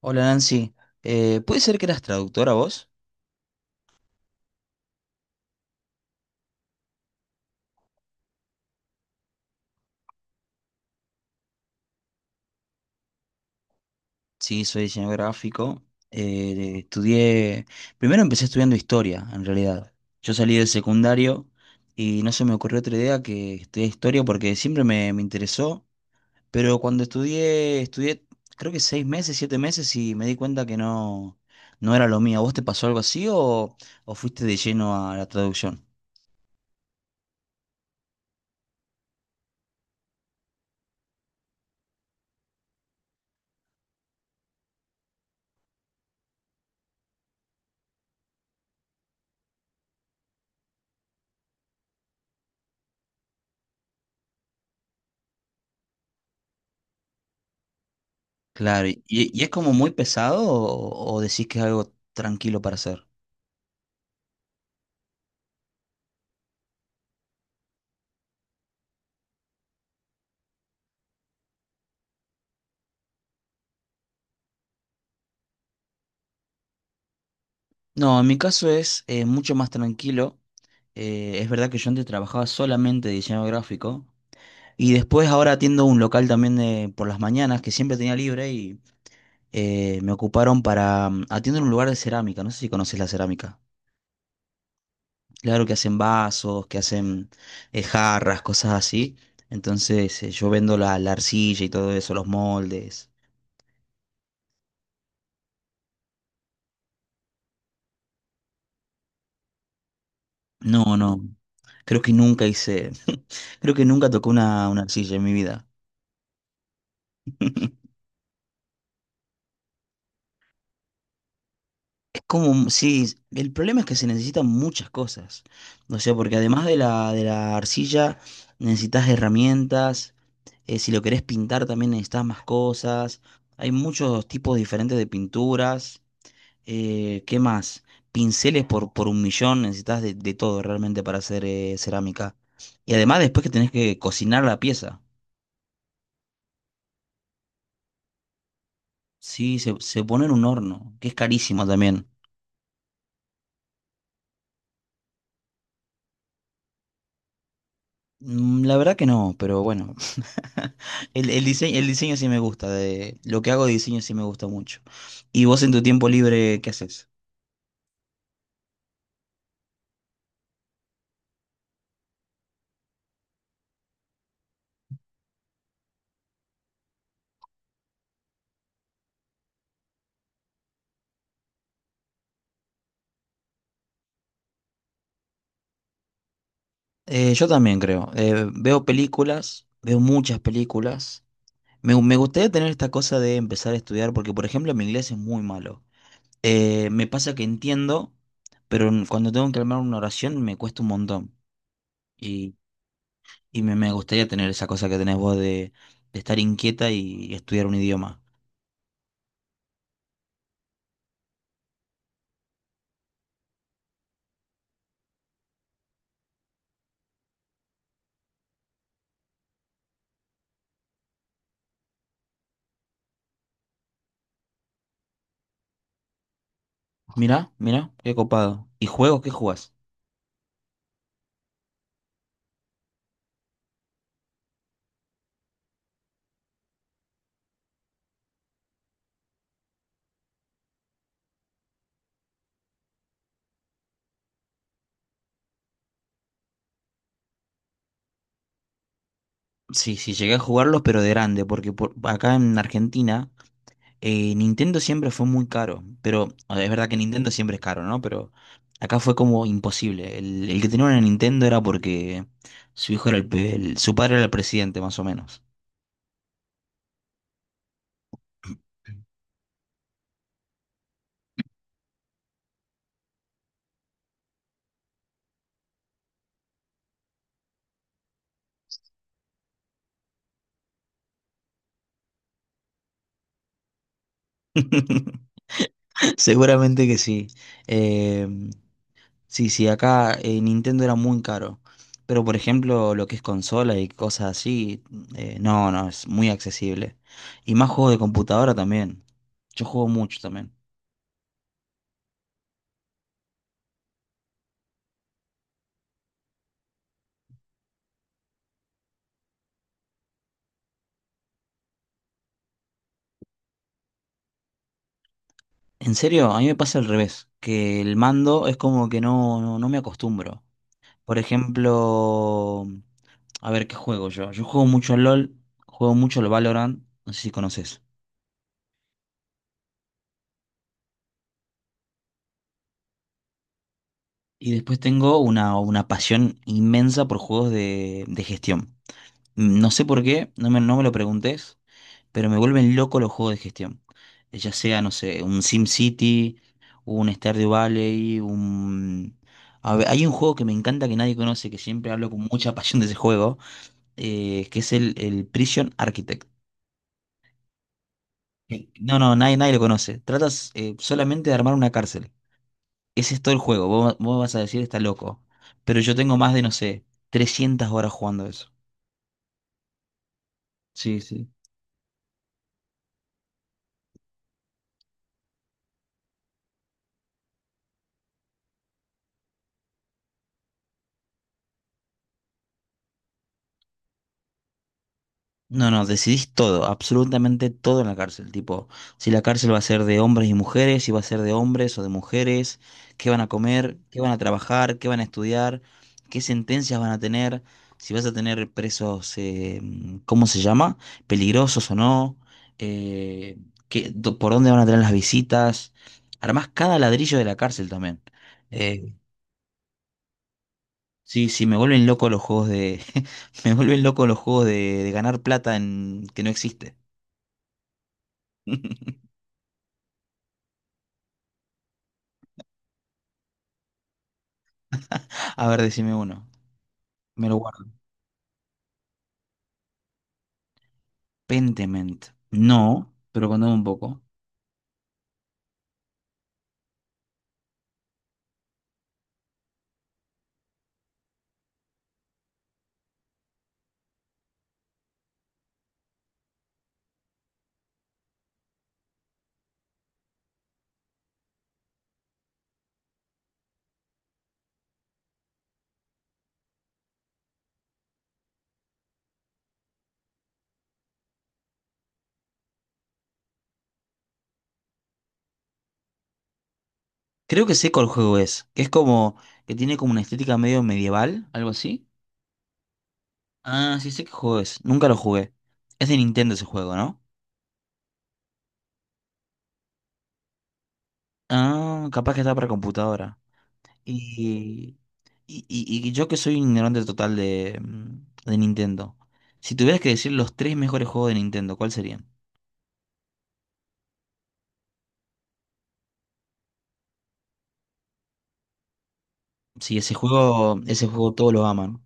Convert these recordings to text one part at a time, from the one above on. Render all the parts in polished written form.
Hola Nancy. ¿Puede ser que eras traductora vos? Sí, soy diseñador gráfico. Estudié, primero empecé estudiando historia, en realidad. Yo salí del secundario y no se me ocurrió otra idea que estudiar historia porque siempre me interesó, pero cuando estudié creo que 6 meses, 7 meses y me di cuenta que no, no era lo mío. ¿A ¿Vos te pasó algo así o fuiste de lleno a la traducción? Claro, y es como muy pesado o decís que es algo tranquilo para hacer? No, en mi caso es mucho más tranquilo. Es verdad que yo antes trabajaba solamente de diseño gráfico y después ahora atiendo un local también por las mañanas que siempre tenía libre y me ocuparon para atiendo en un lugar de cerámica. No sé si conoces la cerámica. Claro que hacen vasos, que hacen jarras, cosas así. Entonces yo vendo la arcilla y todo eso, los moldes. No, no. Creo que nunca hice, creo que nunca tocó una arcilla en mi vida. Es como, sí, el problema es que se necesitan muchas cosas. O sea, porque además de la arcilla, necesitas herramientas. Si lo querés pintar, también necesitas más cosas. Hay muchos tipos diferentes de pinturas. ¿Qué más? Pinceles por un millón. Necesitas de todo realmente para hacer cerámica. Y además, después que tenés que cocinar la pieza. Sí, se pone en un horno, que es carísimo también. La verdad que no, pero bueno. El diseño, el diseño sí me gusta, de lo que hago de diseño sí me gusta mucho. ¿Y vos en tu tiempo libre qué haces? Yo también creo. Veo películas, veo muchas películas. Me gustaría tener esta cosa de empezar a estudiar porque, por ejemplo, mi inglés es muy malo. Me pasa que entiendo, pero cuando tengo que armar una oración me cuesta un montón. Y, y me gustaría tener esa cosa que tenés vos de estar inquieta y estudiar un idioma. Mirá, mirá, qué copado. ¿Y juegos qué jugás? Sí, sí, llegué a jugarlos, pero de grande, porque por, acá en Argentina Nintendo siempre fue muy caro. Pero a ver, es verdad que Nintendo siempre es caro, ¿no? Pero acá fue como imposible. El que tenía una Nintendo era porque su hijo era su padre era el presidente, más o menos. Seguramente que sí. Eh, Sí, sí, acá Nintendo era muy caro. Pero por ejemplo, lo que es consola y cosas así, no, no, es muy accesible. Y más juegos de computadora también. Yo juego mucho también. En serio, a mí me pasa al revés, que el mando es como que no, no, no me acostumbro. Por ejemplo, a ver qué juego yo. Yo juego mucho al LOL, juego mucho al Valorant, no sé si conoces. Y después tengo una pasión inmensa por juegos de gestión. No sé por qué, no me lo preguntes, pero me vuelven loco los juegos de gestión. Ya sea, no sé, un SimCity, un Stardew Valley, un... A ver, hay un juego que me encanta que nadie conoce, que siempre hablo con mucha pasión de ese juego, que es el Prison Architect. No, no, nadie, nadie lo conoce. Tratas solamente de armar una cárcel. Ese es todo el juego. Vos, vos vas a decir, está loco. Pero yo tengo más de, no sé, 300 horas jugando eso. Sí, sí. No, no, decidís todo, absolutamente todo en la cárcel, tipo, si la cárcel va a ser de hombres y mujeres, si va a ser de hombres o de mujeres, qué van a comer, qué van a trabajar, qué van a estudiar, qué sentencias van a tener, si vas a tener presos, ¿cómo se llama? Peligrosos o no, eh, por dónde van a tener las visitas, armás cada ladrillo de la cárcel también. Eh, sí, sí, me vuelven loco los juegos de, me vuelven loco los juegos de ganar plata en, que no existe. A ver, decime uno. Me lo guardo. Pentiment. No, pero contame un poco. Creo que sé cuál juego es. Que es como. Que tiene como una estética medio medieval, algo así. Ah, sí sé qué juego es. Nunca lo jugué. Es de Nintendo ese juego, ¿no? Ah, capaz que está para computadora. Y. Y yo que soy un ignorante total de, de Nintendo. Si tuvieras que decir los tres mejores juegos de Nintendo, ¿cuáles serían? Sí, ese juego todos lo aman.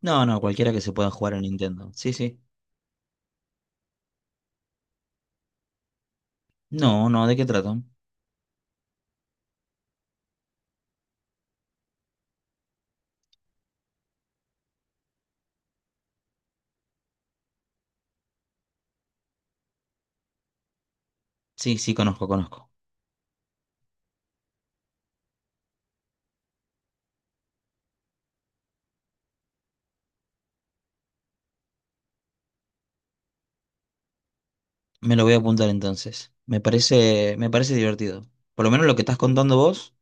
No, no, cualquiera que se pueda jugar en Nintendo. Sí, sí. No, no, ¿de qué tratan? Sí, sí, conozco, conozco. Me lo voy a apuntar entonces. Me parece divertido. Por lo menos lo que estás contando vos,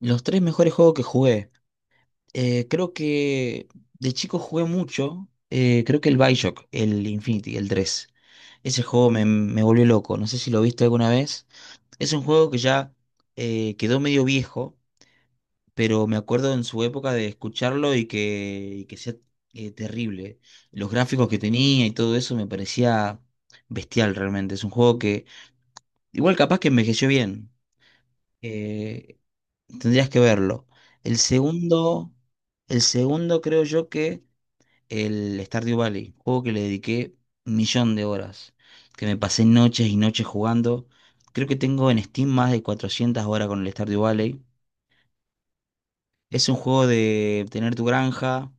los tres mejores juegos que jugué. Creo que de chico jugué mucho. Creo que el Bioshock, el Infinity, el 3. Ese juego me volvió loco. No sé si lo viste alguna vez. Es un juego que ya quedó medio viejo. Pero me acuerdo en su época de escucharlo y que sea terrible. Los gráficos que tenía y todo eso me parecía bestial realmente. Es un juego que igual capaz que envejeció bien. eh, Tendrías que verlo. El segundo, el segundo creo yo que el Stardew Valley, juego que le dediqué un millón de horas, que me pasé noches y noches jugando. Creo que tengo en Steam más de 400 horas con el Stardew Valley. Es un juego de tener tu granja.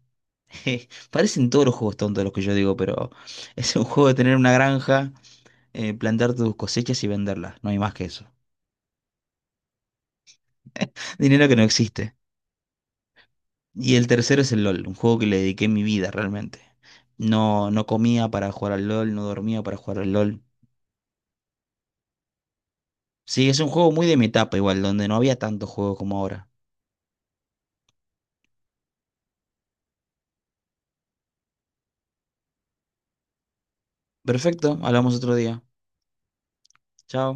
Parecen todos los juegos tontos los que yo digo, pero es un juego de tener una granja, plantar tus cosechas y venderlas. No hay más que eso. Dinero que no existe. Y el tercero es el LOL, un juego que le dediqué mi vida realmente. No, no comía para jugar al LOL, no dormía para jugar al LOL. Sí, es un juego muy de mi etapa igual, donde no había tantos juegos como ahora. Perfecto, hablamos otro día. Chao.